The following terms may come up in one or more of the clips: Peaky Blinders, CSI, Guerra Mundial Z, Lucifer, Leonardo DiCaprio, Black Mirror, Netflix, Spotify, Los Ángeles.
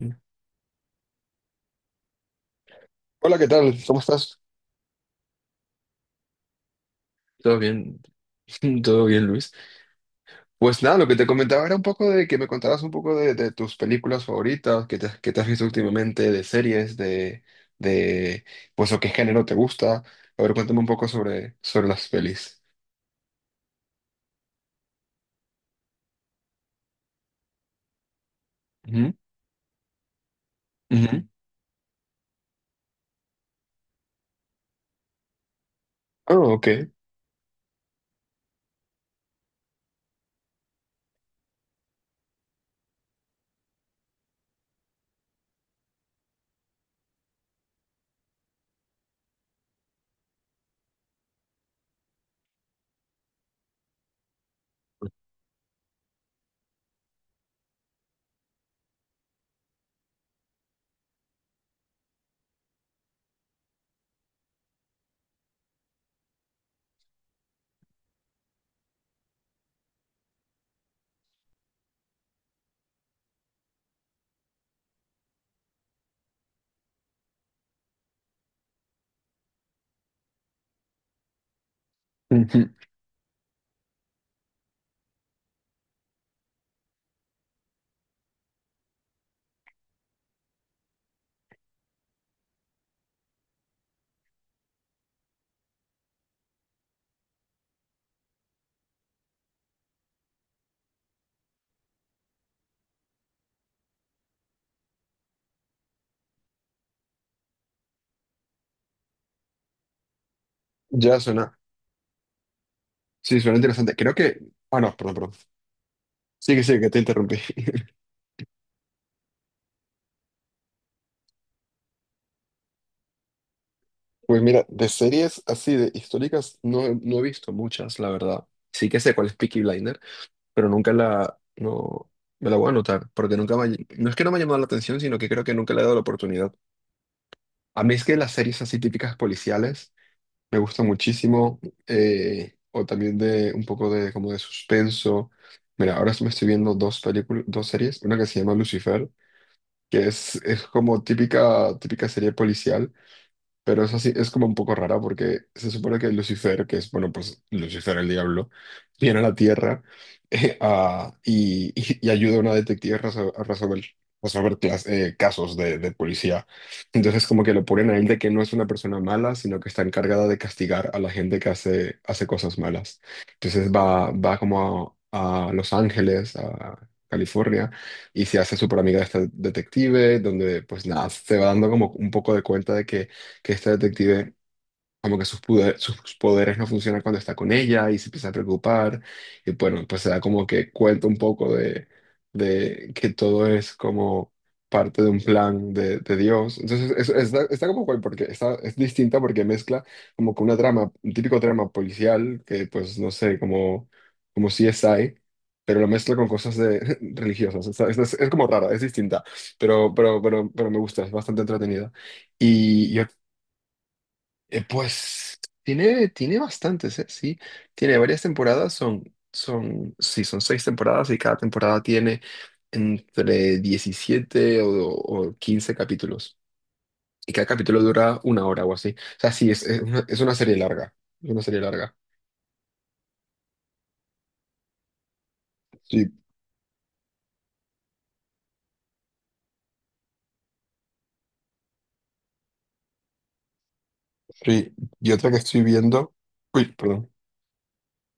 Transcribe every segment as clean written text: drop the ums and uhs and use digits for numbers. Hola, ¿qué tal? ¿Cómo estás? Todo bien, todo bien, Luis. Pues nada, lo que te comentaba era un poco de que me contaras un poco de tus películas favoritas, que te has visto últimamente, de series, de pues o qué género te gusta. A ver, cuéntame un poco sobre las pelis. Ujú, ujú. Oh, ok. Ujú. Ya suena. Sí, suena interesante. Creo que... Ah, no, perdón, perdón. Sigue, sigue, que te interrumpí. Pues mira, de series así, de históricas, no, no he visto muchas, la verdad. Sí que sé cuál es Peaky Blinders, pero nunca la, no, me la voy a anotar, porque nunca me, no es que no me ha llamado la atención, sino que creo que nunca le he dado la oportunidad. A mí es que las series así típicas policiales me gustan muchísimo, o también de un poco de como de suspenso. Mira, ahora me estoy viendo dos películas, dos series, una que se llama Lucifer, que es, como típica, típica serie policial, pero es así, es como un poco rara porque se supone que Lucifer, que es, bueno, pues Lucifer el diablo, viene a la Tierra. Y ayuda a una detective a a resolver casos de policía. Entonces como que lo ponen a él de que no es una persona mala, sino que está encargada de castigar a la gente que hace cosas malas. Entonces va, va como a Los Ángeles, a California, y se hace súper amiga de esta detective, donde pues nada, se va dando como un poco de cuenta de que esta detective, como que sus, sus poderes no funcionan cuando está con ella y se empieza a preocupar. Y bueno, pues se da como que cuenta un poco de que todo es como parte de un plan de Dios. Entonces, eso está, como cual, porque está, es distinta porque mezcla como con una trama, un típico trama policial, que pues no sé, como CSI. Pero lo mezcla con cosas de, religiosas. Es como rara, es distinta. Pero me gusta, es bastante entretenida. Y yo Pues tiene, bastantes, ¿eh? Sí, tiene varias temporadas, sí, son 6 temporadas y cada temporada tiene entre 17 o 15 capítulos. Y cada capítulo dura una hora o así. O sea, sí, es, es una serie larga, es una serie larga. Sí, sí. Y otra que estoy viendo, uy, perdón,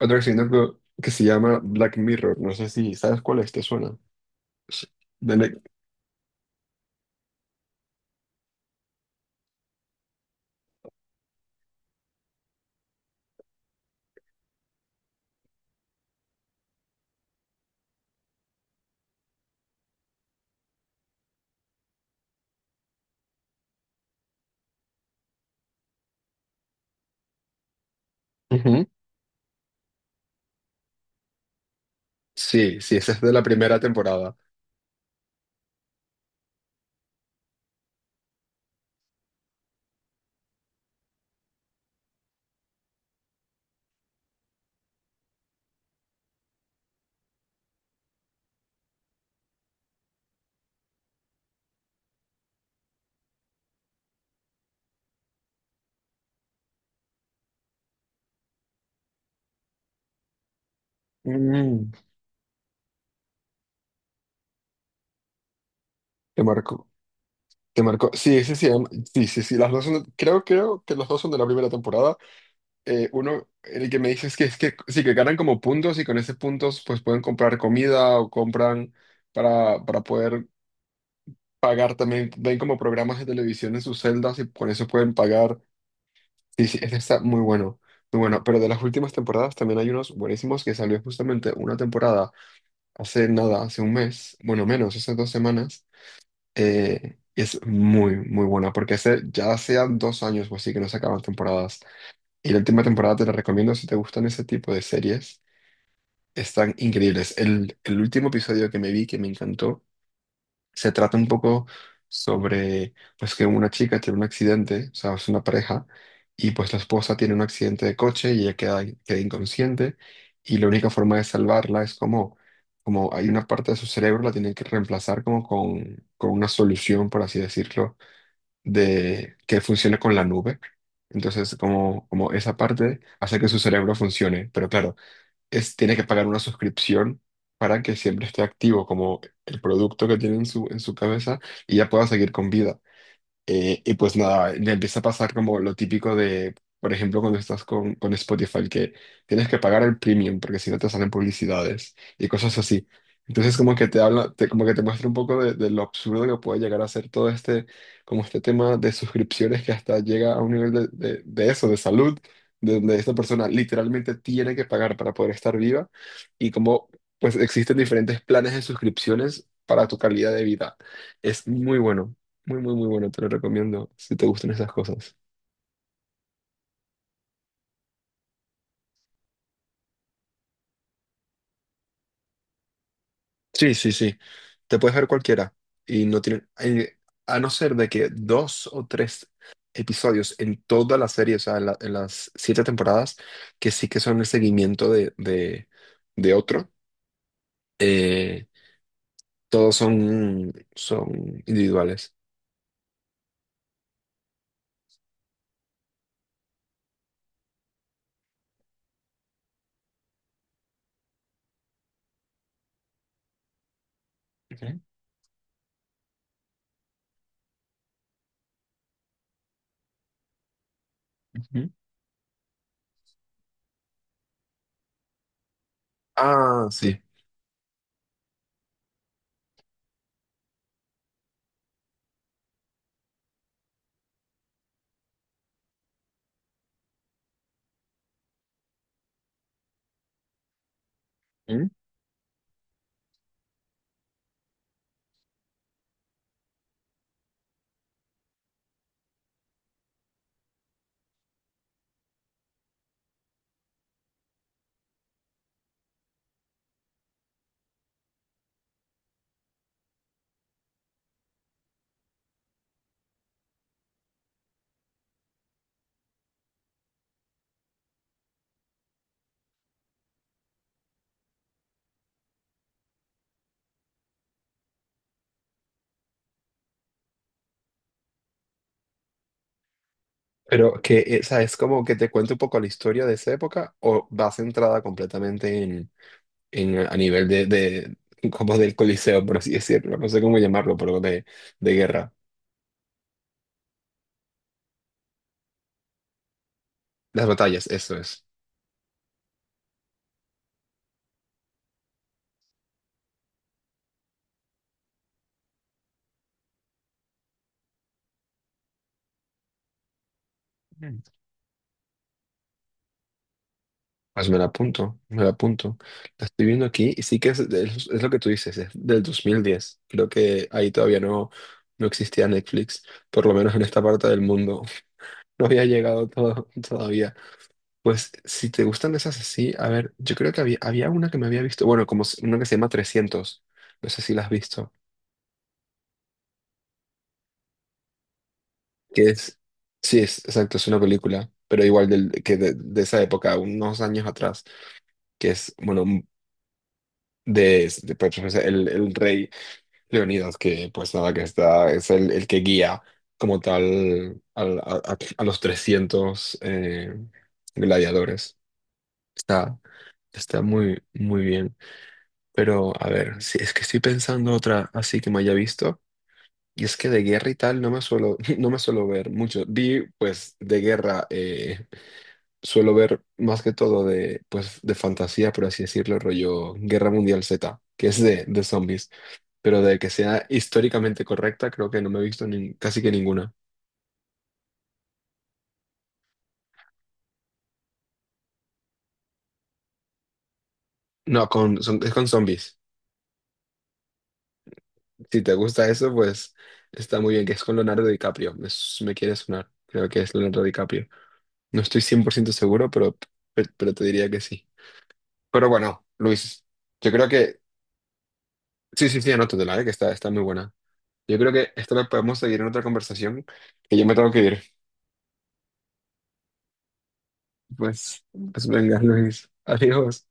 otra que estoy viendo que se llama Black Mirror, no sé si sabes cuál es, ¿te suena? Sí, de Ne- Ujú. Sí, sí, esa es de la primera temporada. Mm. Te marco, te marco. Sí, sí, sí, sí, sí, sí. Las dos son, creo que los dos son de la primera temporada. Uno, el que me dices que es que sí, que ganan como puntos y con esos puntos pues pueden comprar comida o compran para poder pagar también. Ven como programas de televisión en sus celdas y con eso pueden pagar. Sí, sí, ese está muy bueno, muy bueno. Pero de las últimas temporadas también hay unos buenísimos que salió justamente una temporada hace nada, hace un mes, bueno, menos, hace 2 semanas. Es muy, muy buena, porque hace ya hacían 2 años o así que no sacaban temporadas. Y la última temporada te la recomiendo si te gustan ese tipo de series. Están increíbles. El último episodio que me vi, que me encantó, se trata un poco sobre, pues, que una chica tiene un accidente, o sea, es una pareja, y pues la esposa tiene un accidente de coche y ella queda inconsciente, y la única forma de salvarla es como hay una parte de su cerebro, la tienen que reemplazar como con una solución, por así decirlo, de que funcione con la nube. Entonces, como esa parte hace que su cerebro funcione, pero claro, tiene que pagar una suscripción para que siempre esté activo como el producto que tiene en su cabeza y ya pueda seguir con vida. Y pues nada, le empieza a pasar como lo típico de, por ejemplo, cuando estás con, Spotify, que tienes que pagar el premium porque si no te salen publicidades y cosas así. Entonces como que te habla, como que te muestra un poco de lo absurdo que puede llegar a ser todo este, como este tema de suscripciones que hasta llega a un nivel de, de eso, de salud, de donde esta persona literalmente tiene que pagar para poder estar viva y como pues existen diferentes planes de suscripciones para tu calidad de vida. Es muy bueno. Muy, muy, muy bueno, te lo recomiendo si te gustan esas cosas. Sí, sí, sí. Te puedes ver cualquiera y no tiene, a no ser de que 2 o 3 episodios en toda la serie, o sea, en las 7 temporadas, que sí que son el seguimiento de, de otro, eh, todos son, son individuales. Ujú, ujú. Ah, sí. Ujú. Pero que, o sea, es como que te cuente un poco la historia de esa época o va centrada completamente a nivel de, como del Coliseo, por así decirlo, no sé cómo llamarlo, pero de guerra. Las batallas, eso es. Mm. Pues me la apunto, me la apunto. La estoy viendo aquí y sí que es, es lo que tú dices, es del 2010. Creo que ahí todavía no, no existía Netflix, por lo menos en esta parte del mundo. No había llegado todo, todavía. Pues si te gustan esas así, a ver, yo creo que había una que me había visto, bueno, una que se llama 300. No sé si la has visto. Que es, sí, es exacto, es una película, pero igual de esa época, unos años atrás, que es, bueno, pues, el rey Leonidas, que pues nada, que es el que guía como tal a los 300 gladiadores. Está, está muy, muy bien. Pero, a ver, si es que estoy pensando otra así que me haya visto. Y es que de guerra y tal no me suelo, no me suelo ver mucho. Vi, pues, de guerra, suelo ver más que todo de, pues, de fantasía, por así decirlo, rollo Guerra Mundial Z, que es de, zombies, pero de que sea históricamente correcta, creo que no me he visto casi que ninguna. No, es con zombies. Si te gusta eso, pues está muy bien, que es con Leonardo DiCaprio. Me quiere sonar, creo que es Leonardo DiCaprio. No estoy 100% seguro, pero, pero te diría que sí. Pero bueno, Luis, yo creo que... Sí, sí, sí, anótatela, que está, muy buena. Yo creo que esto lo podemos seguir en otra conversación, que yo me tengo que ir. Pues, pues venga, Luis. Adiós.